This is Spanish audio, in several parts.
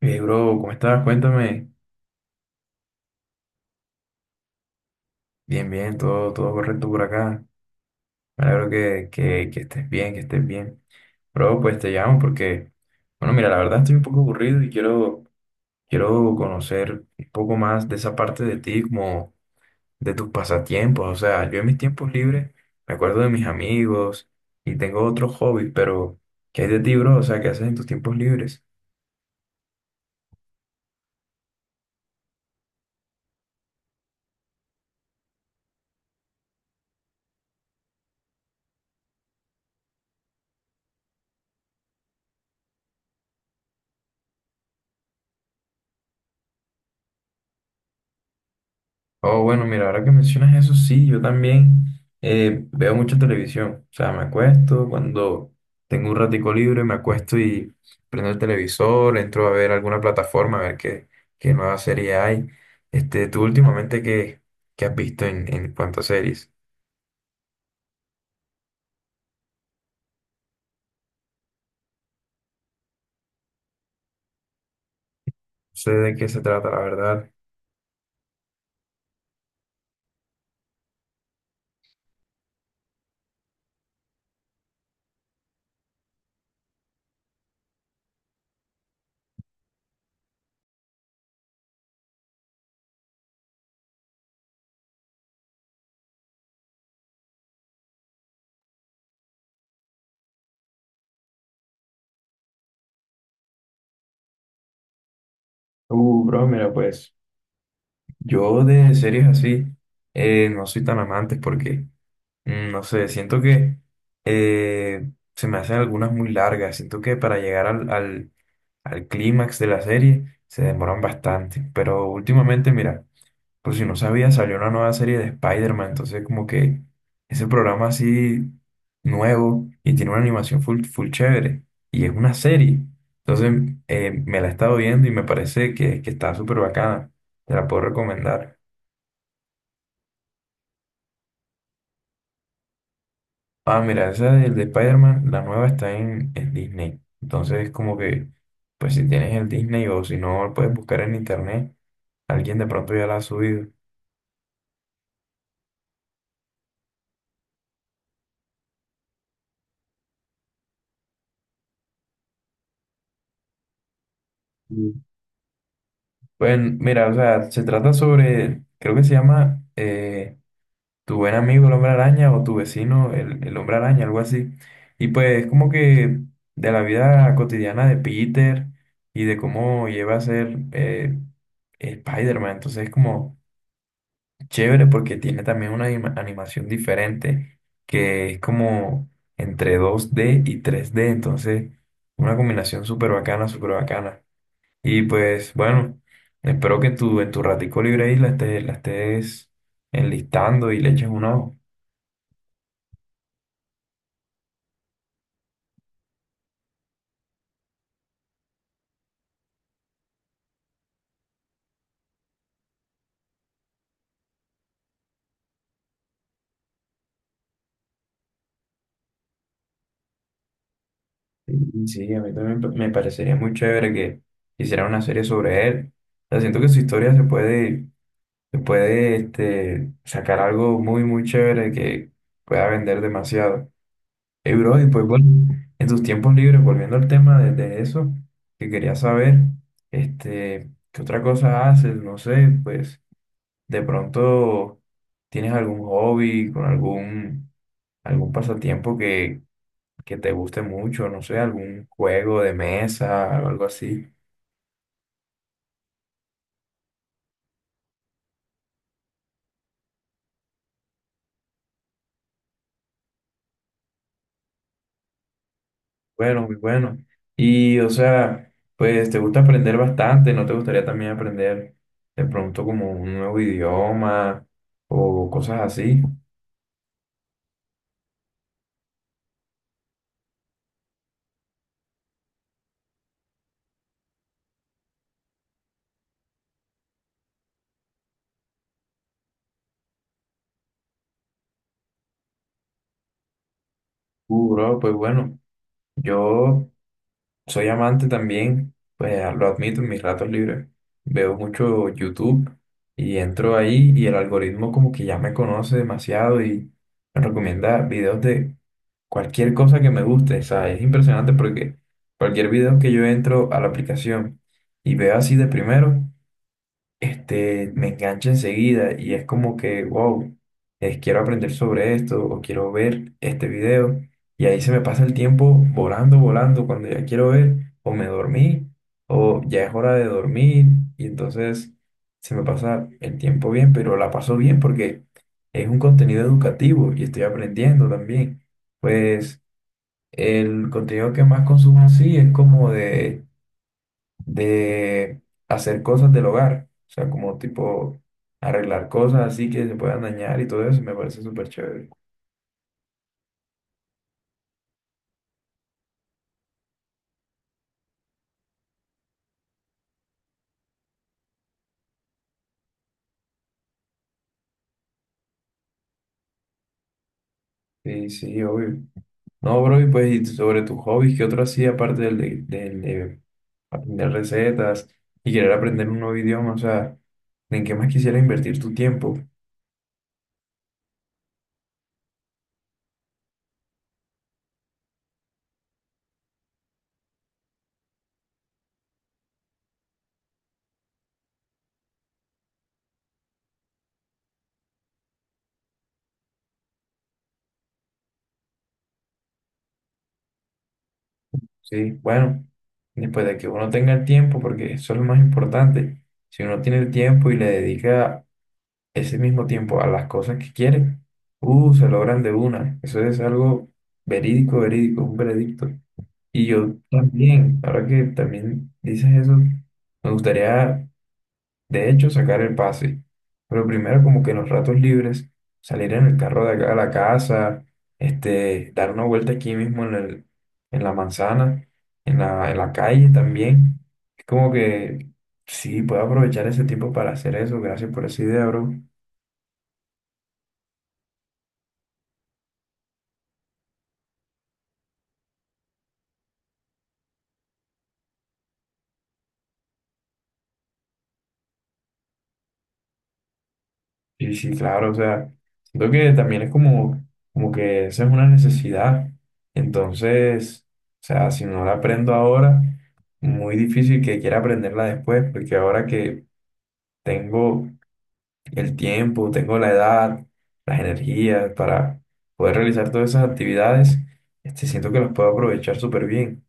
Hey, bro, ¿cómo estás? Cuéntame. Bien, bien, todo correcto por acá. Me alegro que estés bien, que estés bien. Bro, pues te llamo porque, bueno, mira, la verdad estoy un poco aburrido y quiero conocer un poco más de esa parte de ti, como de tus pasatiempos. O sea, yo en mis tiempos libres me acuerdo de mis amigos y tengo otros hobbies, pero ¿qué hay de ti, bro? O sea, ¿qué haces en tus tiempos libres? Oh, bueno, mira, ahora que mencionas eso, sí, yo también veo mucha televisión. O sea, me acuesto cuando tengo un ratico libre, me acuesto y prendo el televisor, entro a ver alguna plataforma, a ver qué nueva serie hay. Este, tú últimamente, ¿ qué has visto en cuanto a series? No sé de qué se trata, la verdad. Bro, mira, pues yo de series así no soy tan amante porque no sé, siento que se me hacen algunas muy largas. Siento que para llegar al clímax de la serie se demoran bastante. Pero últimamente, mira, por si no sabía, salió una nueva serie de Spider-Man. Entonces, como que ese programa así nuevo y tiene una animación full chévere. Y es una serie. Entonces, me la he estado viendo y me parece que está súper bacana. Te la puedo recomendar. Ah, mira, esa del de Spider-Man, la nueva está en Disney. Entonces, como que, pues si tienes el Disney o si no, puedes buscar en internet. Alguien de pronto ya la ha subido. Mm. Pues mira, o sea, se trata sobre, creo que se llama Tu buen amigo el hombre araña o Tu vecino el hombre araña, algo así. Y pues como que de la vida cotidiana de Peter y de cómo lleva a ser Spider-Man. Entonces, como chévere porque tiene también una animación diferente que es como entre dos d y tres d entonces una combinación súper bacana, súper bacana. Y pues bueno, espero que tú en tu ratico libre ahí la estés enlistando y le eches un ojo. Sí, sí, a mí también me parecería muy chévere que hicieran una serie sobre él. O sea, siento que su historia se puede este, sacar algo muy, muy chévere que pueda vender demasiado. Bro, y pues bueno, en tus tiempos libres, volviendo al tema de eso, que quería saber, este, ¿qué otra cosa haces? No sé, pues de pronto tienes algún hobby, con algún pasatiempo que te guste mucho, no sé, algún juego de mesa o algo así. Bueno, muy bueno. Y o sea, pues te gusta aprender bastante, ¿no te gustaría también aprender de pronto como un nuevo idioma o cosas así? Bro, pues bueno, yo soy amante también, pues ah, lo admito, en mis ratos libres veo mucho YouTube y entro ahí y el algoritmo como que ya me conoce demasiado y me recomienda videos de cualquier cosa que me guste, o sea, es impresionante porque cualquier video que yo entro a la aplicación y veo así de primero, este, me engancha enseguida y es como que, wow, quiero aprender sobre esto o quiero ver este video y ahí se me pasa el tiempo volando, volando cuando ya quiero ver o me dormí o ya es hora de dormir y entonces se me pasa el tiempo bien, pero la paso bien porque es un contenido educativo y estoy aprendiendo también. Pues el contenido que más consumo sí es como de hacer cosas del hogar, o sea, como tipo arreglar cosas así que se puedan dañar y todo eso, me parece súper chévere. Sí, sí, obvio. No, bro, y pues y sobre tus hobbies, ¿qué otro hacía aparte del de aprender recetas y querer aprender un nuevo idioma? O sea, ¿en qué más quisiera invertir tu tiempo? Sí, bueno, después de que uno tenga el tiempo, porque eso es lo más importante. Si uno tiene el tiempo y le dedica ese mismo tiempo a las cosas que quieren. Se logran de una. Eso es algo verídico, un veredicto. Y yo también, ahora que también dices eso, me gustaría, de hecho, sacar el pase. Pero primero, como que en los ratos libres, salir en el carro de acá a la casa, este, dar una vuelta aquí mismo en la manzana, en la calle también. Es como que sí, puedo aprovechar ese tiempo para hacer eso. Gracias por esa idea, bro. Sí, sí, claro, o sea, siento que también es como, como que esa es una necesidad. Entonces, o sea, si no la aprendo ahora, muy difícil que quiera aprenderla después, porque ahora que tengo el tiempo, tengo la edad, las energías para poder realizar todas esas actividades, este, siento que las puedo aprovechar súper bien.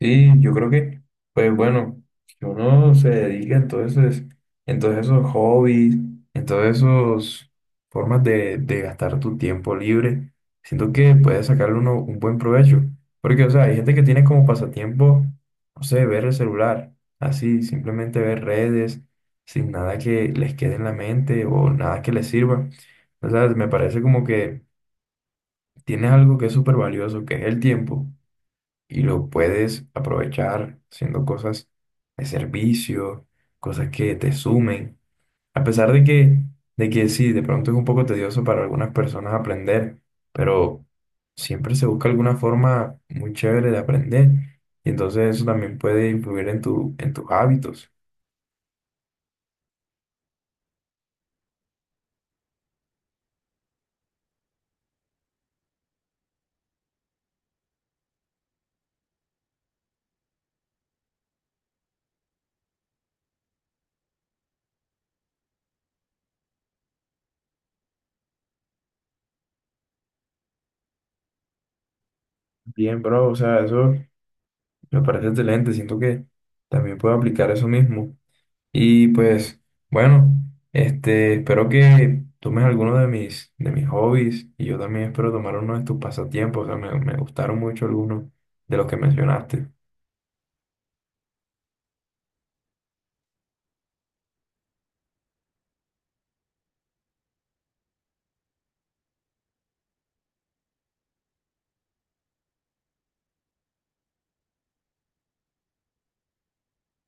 Sí, yo creo que, pues bueno, que uno se dedica entonces, en todos esos hobbies, en todas esas formas de gastar tu tiempo libre, siento que puede sacarle uno un buen provecho. Porque, o sea, hay gente que tiene como pasatiempo, no sé, ver el celular, así, simplemente ver redes, sin nada que les quede en la mente o nada que les sirva. O sea, me parece como que tienes algo que es súper valioso, que es el tiempo y lo puedes aprovechar haciendo cosas de servicio, cosas que te sumen. A pesar de que sí, de pronto es un poco tedioso para algunas personas aprender, pero siempre se busca alguna forma muy chévere de aprender. Y entonces eso también puede influir en en tus hábitos. Bien, bro, o sea, eso me parece excelente. Siento que también puedo aplicar eso mismo. Y pues, bueno, este, espero que tomes alguno de mis hobbies y yo también espero tomar uno de tus pasatiempos. O sea, me gustaron mucho algunos de los que mencionaste.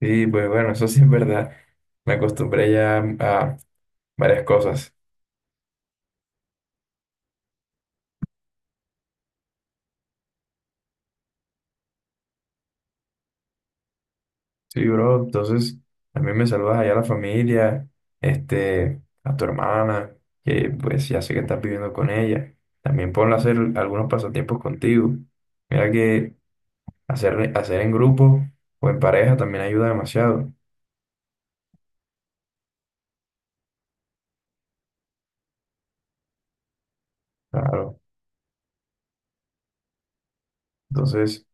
Sí, pues bueno, eso sí es verdad. Me acostumbré ya a varias cosas. Sí, bro, entonces también me saludas allá a la familia, este, a tu hermana, que pues ya sé que estás viviendo con ella. También ponla a hacer algunos pasatiempos contigo. Mira que hacer en grupo o en pareja también ayuda demasiado. Claro. Entonces,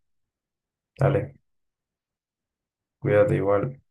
dale, cuídate igual.